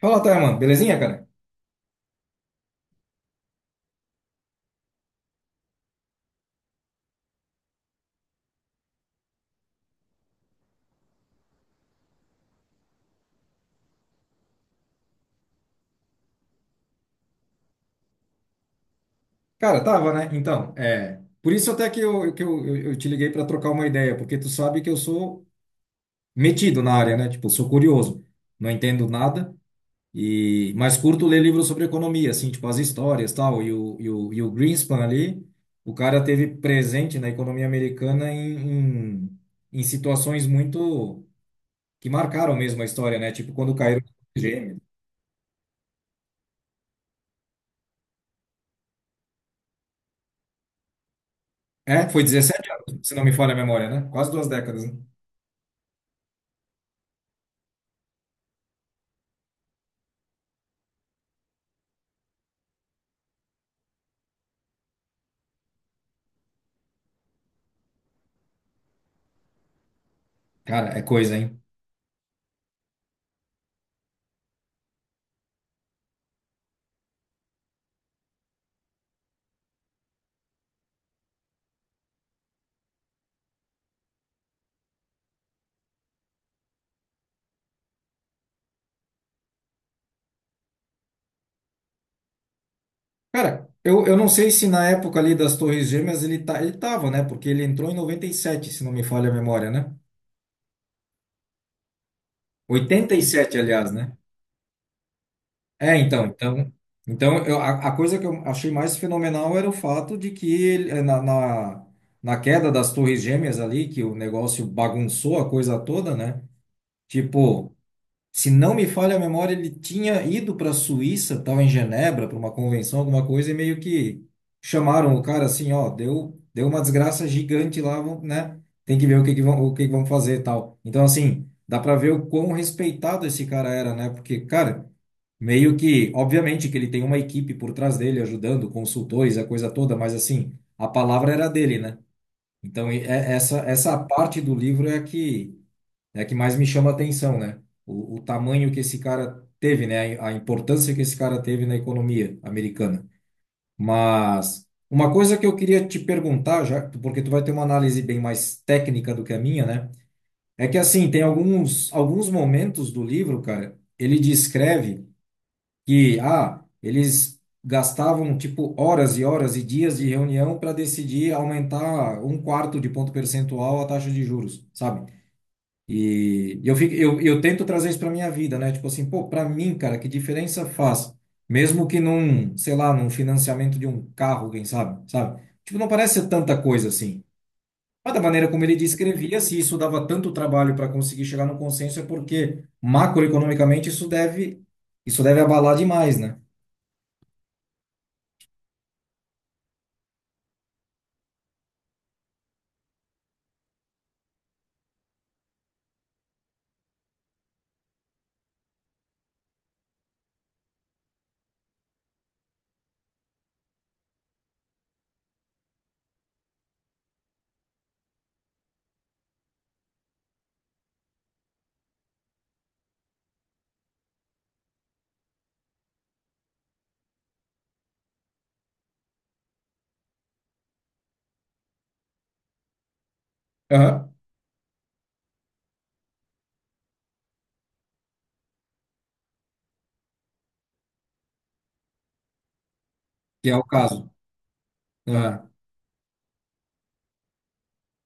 Fala, Taiman, belezinha, cara? Cara, tava, né? Então, é. Por isso até que eu te liguei para trocar uma ideia, porque tu sabe que eu sou metido na área, né? Tipo, sou curioso, não entendo nada, e mas curto ler livros sobre economia, assim, tipo as histórias tal. E o Greenspan ali, o cara teve presente na economia americana em situações muito que marcaram mesmo a história, né? Tipo, quando caíram os gêmeos. É, foi 17 anos, se não me falha a memória, né? Quase duas décadas, né? Cara, é coisa, hein? Cara, eu não sei se na época ali das Torres Gêmeas ele, tá, ele tava, né? Porque ele entrou em 97, se não me falha a memória, né? 87, aliás, né? É, então eu, a coisa que eu achei mais fenomenal era o fato de que ele, na queda das Torres Gêmeas ali, que o negócio bagunçou a coisa toda, né? Tipo, se não me falha a memória, ele tinha ido para a Suíça, estava em Genebra, para uma convenção, alguma coisa, e meio que chamaram o cara assim, ó, deu uma desgraça gigante lá, vamos, né? Tem que ver o que que vão, o que que vão fazer e tal. Então, assim, dá para ver o quão respeitado esse cara era, né? Porque, cara, meio que, obviamente que ele tem uma equipe por trás dele ajudando, consultores, a coisa toda, mas assim, a palavra era dele, né? Então, essa parte do livro é a que né, que mais me chama a atenção, né? O tamanho que esse cara teve, né? A importância que esse cara teve na economia americana. Mas uma coisa que eu queria te perguntar, já, porque tu vai ter uma análise bem mais técnica do que a minha, né? É que assim, tem alguns, alguns momentos do livro, cara, ele descreve que, ah, eles gastavam tipo horas e horas e dias de reunião para decidir aumentar um quarto de ponto percentual a taxa de juros, sabe? E eu tento trazer isso para minha vida, né? Tipo assim, pô, para mim, cara, que diferença faz? Mesmo que num, sei lá, num financiamento de um carro, quem sabe, sabe? Tipo, não parece ser tanta coisa assim. Mas da maneira como ele descrevia, se isso dava tanto trabalho para conseguir chegar no consenso, é porque macroeconomicamente isso deve abalar demais, né? Aham. Que é o caso. Aham.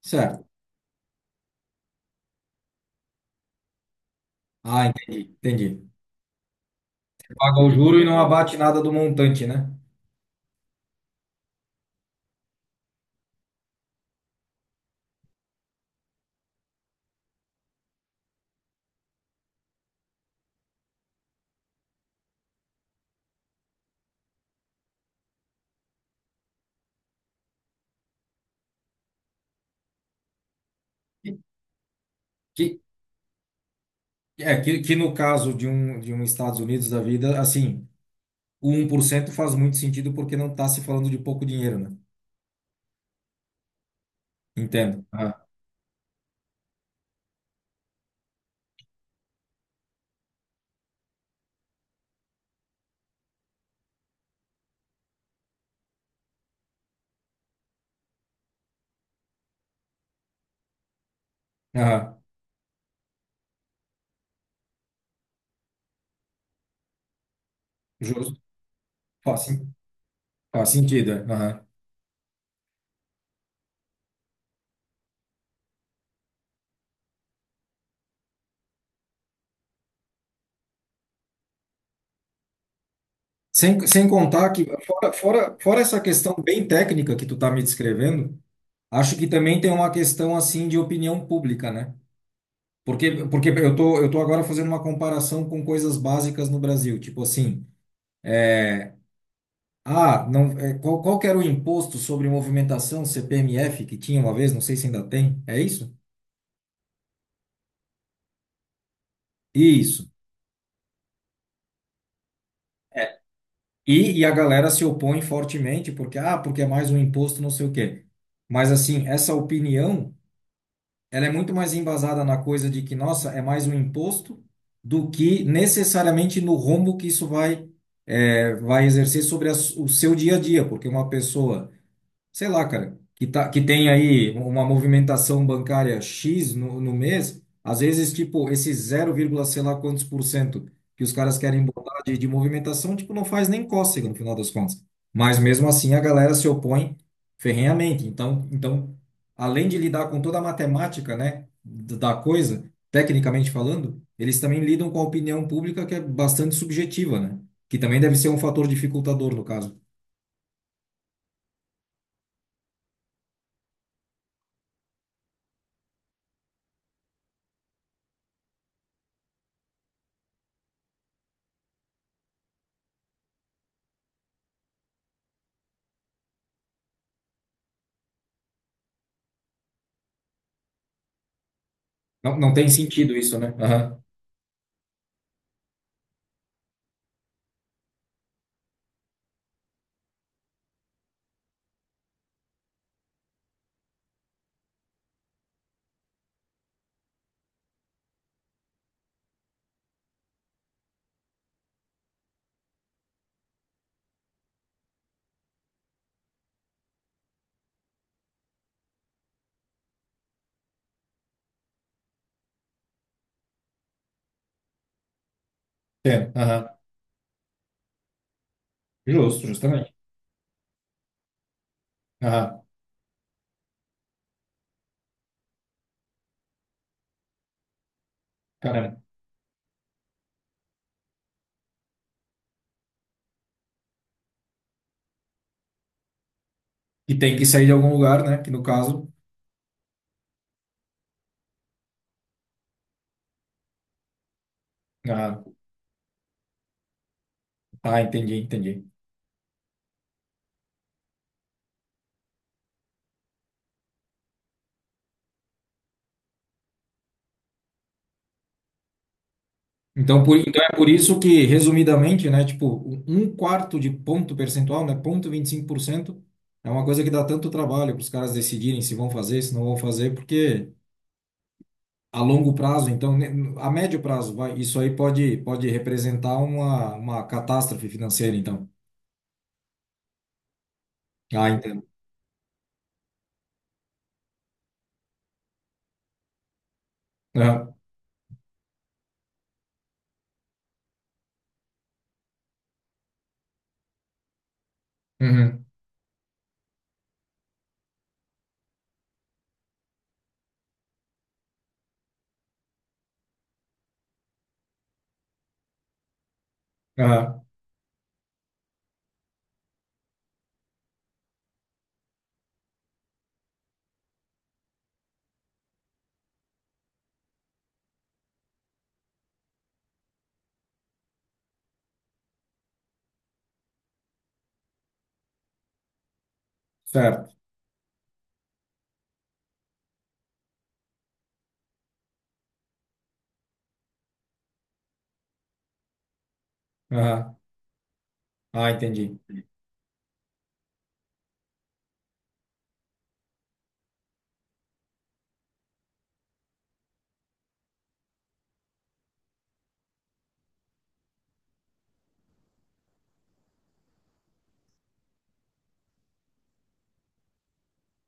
Certo. Ah, entendi, entendi. Paga o juro e não abate nada do montante, né? Que, É, que no caso de um Estados Unidos da vida, assim, o 1% faz muito sentido porque não está se falando de pouco dinheiro, né? Entendo. Aham. Aham. Justo. Faz, sen- Faz sentido, é. Aham. Sem, sem contar que, fora essa questão bem técnica que tu tá me descrevendo, acho que também tem uma questão, assim, de opinião pública, né? Porque, porque eu tô agora fazendo uma comparação com coisas básicas no Brasil, tipo assim. é, Ah, não, é, qual que era o imposto sobre movimentação CPMF que tinha uma vez? Não sei se ainda tem. É isso? Isso. É. E, e a galera se opõe fortemente porque, ah, porque é mais um imposto, não sei o quê. Mas, assim, essa opinião, ela é muito mais embasada na coisa de que, nossa, é mais um imposto do que necessariamente no rombo que é, vai exercer sobre a o seu dia a dia. Porque uma pessoa sei lá, cara, que, tá, que tem aí uma movimentação bancária X no mês, às vezes, tipo, esse zero vírgula sei lá quantos por cento que os caras querem botar de movimentação, tipo, não faz nem cócega no final das contas. Mas mesmo assim a galera se opõe ferrenhamente. Então, então, além de lidar com toda a matemática, né, da coisa, tecnicamente falando, eles também lidam com a opinião pública que é bastante subjetiva, né? Que também deve ser um fator dificultador no caso. Não, não tem sentido isso, né? Entendo. Aham. Justo, justamente. Aham. Caramba. E tem que sair de algum lugar, né? Que no caso. Ah, tá, entendi, entendi. Então, por, então é por isso que, resumidamente, né? Tipo, um quarto de ponto percentual, né? 0,25% é uma coisa que dá tanto trabalho para os caras decidirem se vão fazer, se não vão fazer, porque a longo prazo, então, né, a médio prazo, vai, isso aí pode, pode representar uma catástrofe financeira, então. Ah, entendo. Aham. Uhum. Aham. Certo. Aham. Ah, entendi.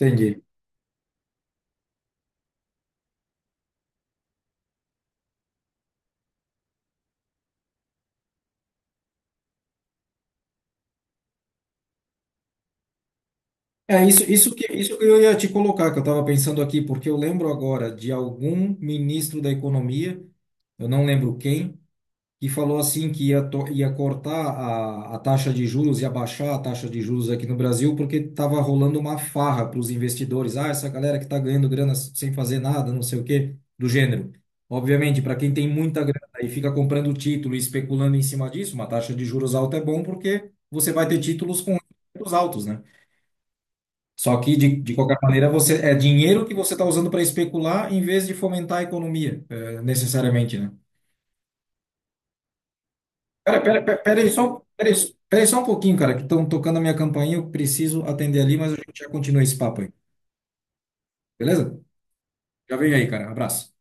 Entendi. É isso, isso que eu ia te colocar, que eu estava pensando aqui, porque eu lembro agora de algum ministro da economia, eu não lembro quem, que falou assim que ia, ia cortar a taxa de juros, ia baixar a taxa de juros aqui no Brasil, porque estava rolando uma farra para os investidores. Ah, essa galera que está ganhando grana sem fazer nada, não sei o quê, do gênero. Obviamente, para quem tem muita grana e fica comprando título e especulando em cima disso, uma taxa de juros alta é bom porque você vai ter títulos com juros altos, né? Só que, de qualquer maneira, você é dinheiro que você está usando para especular em vez de fomentar a economia, é, necessariamente, né? Pera, pera, pera, pera aí só um pouquinho, cara, que estão tocando a minha campainha, eu preciso atender ali, mas a gente já continua esse papo aí, beleza? Já vem aí, cara. Abraço.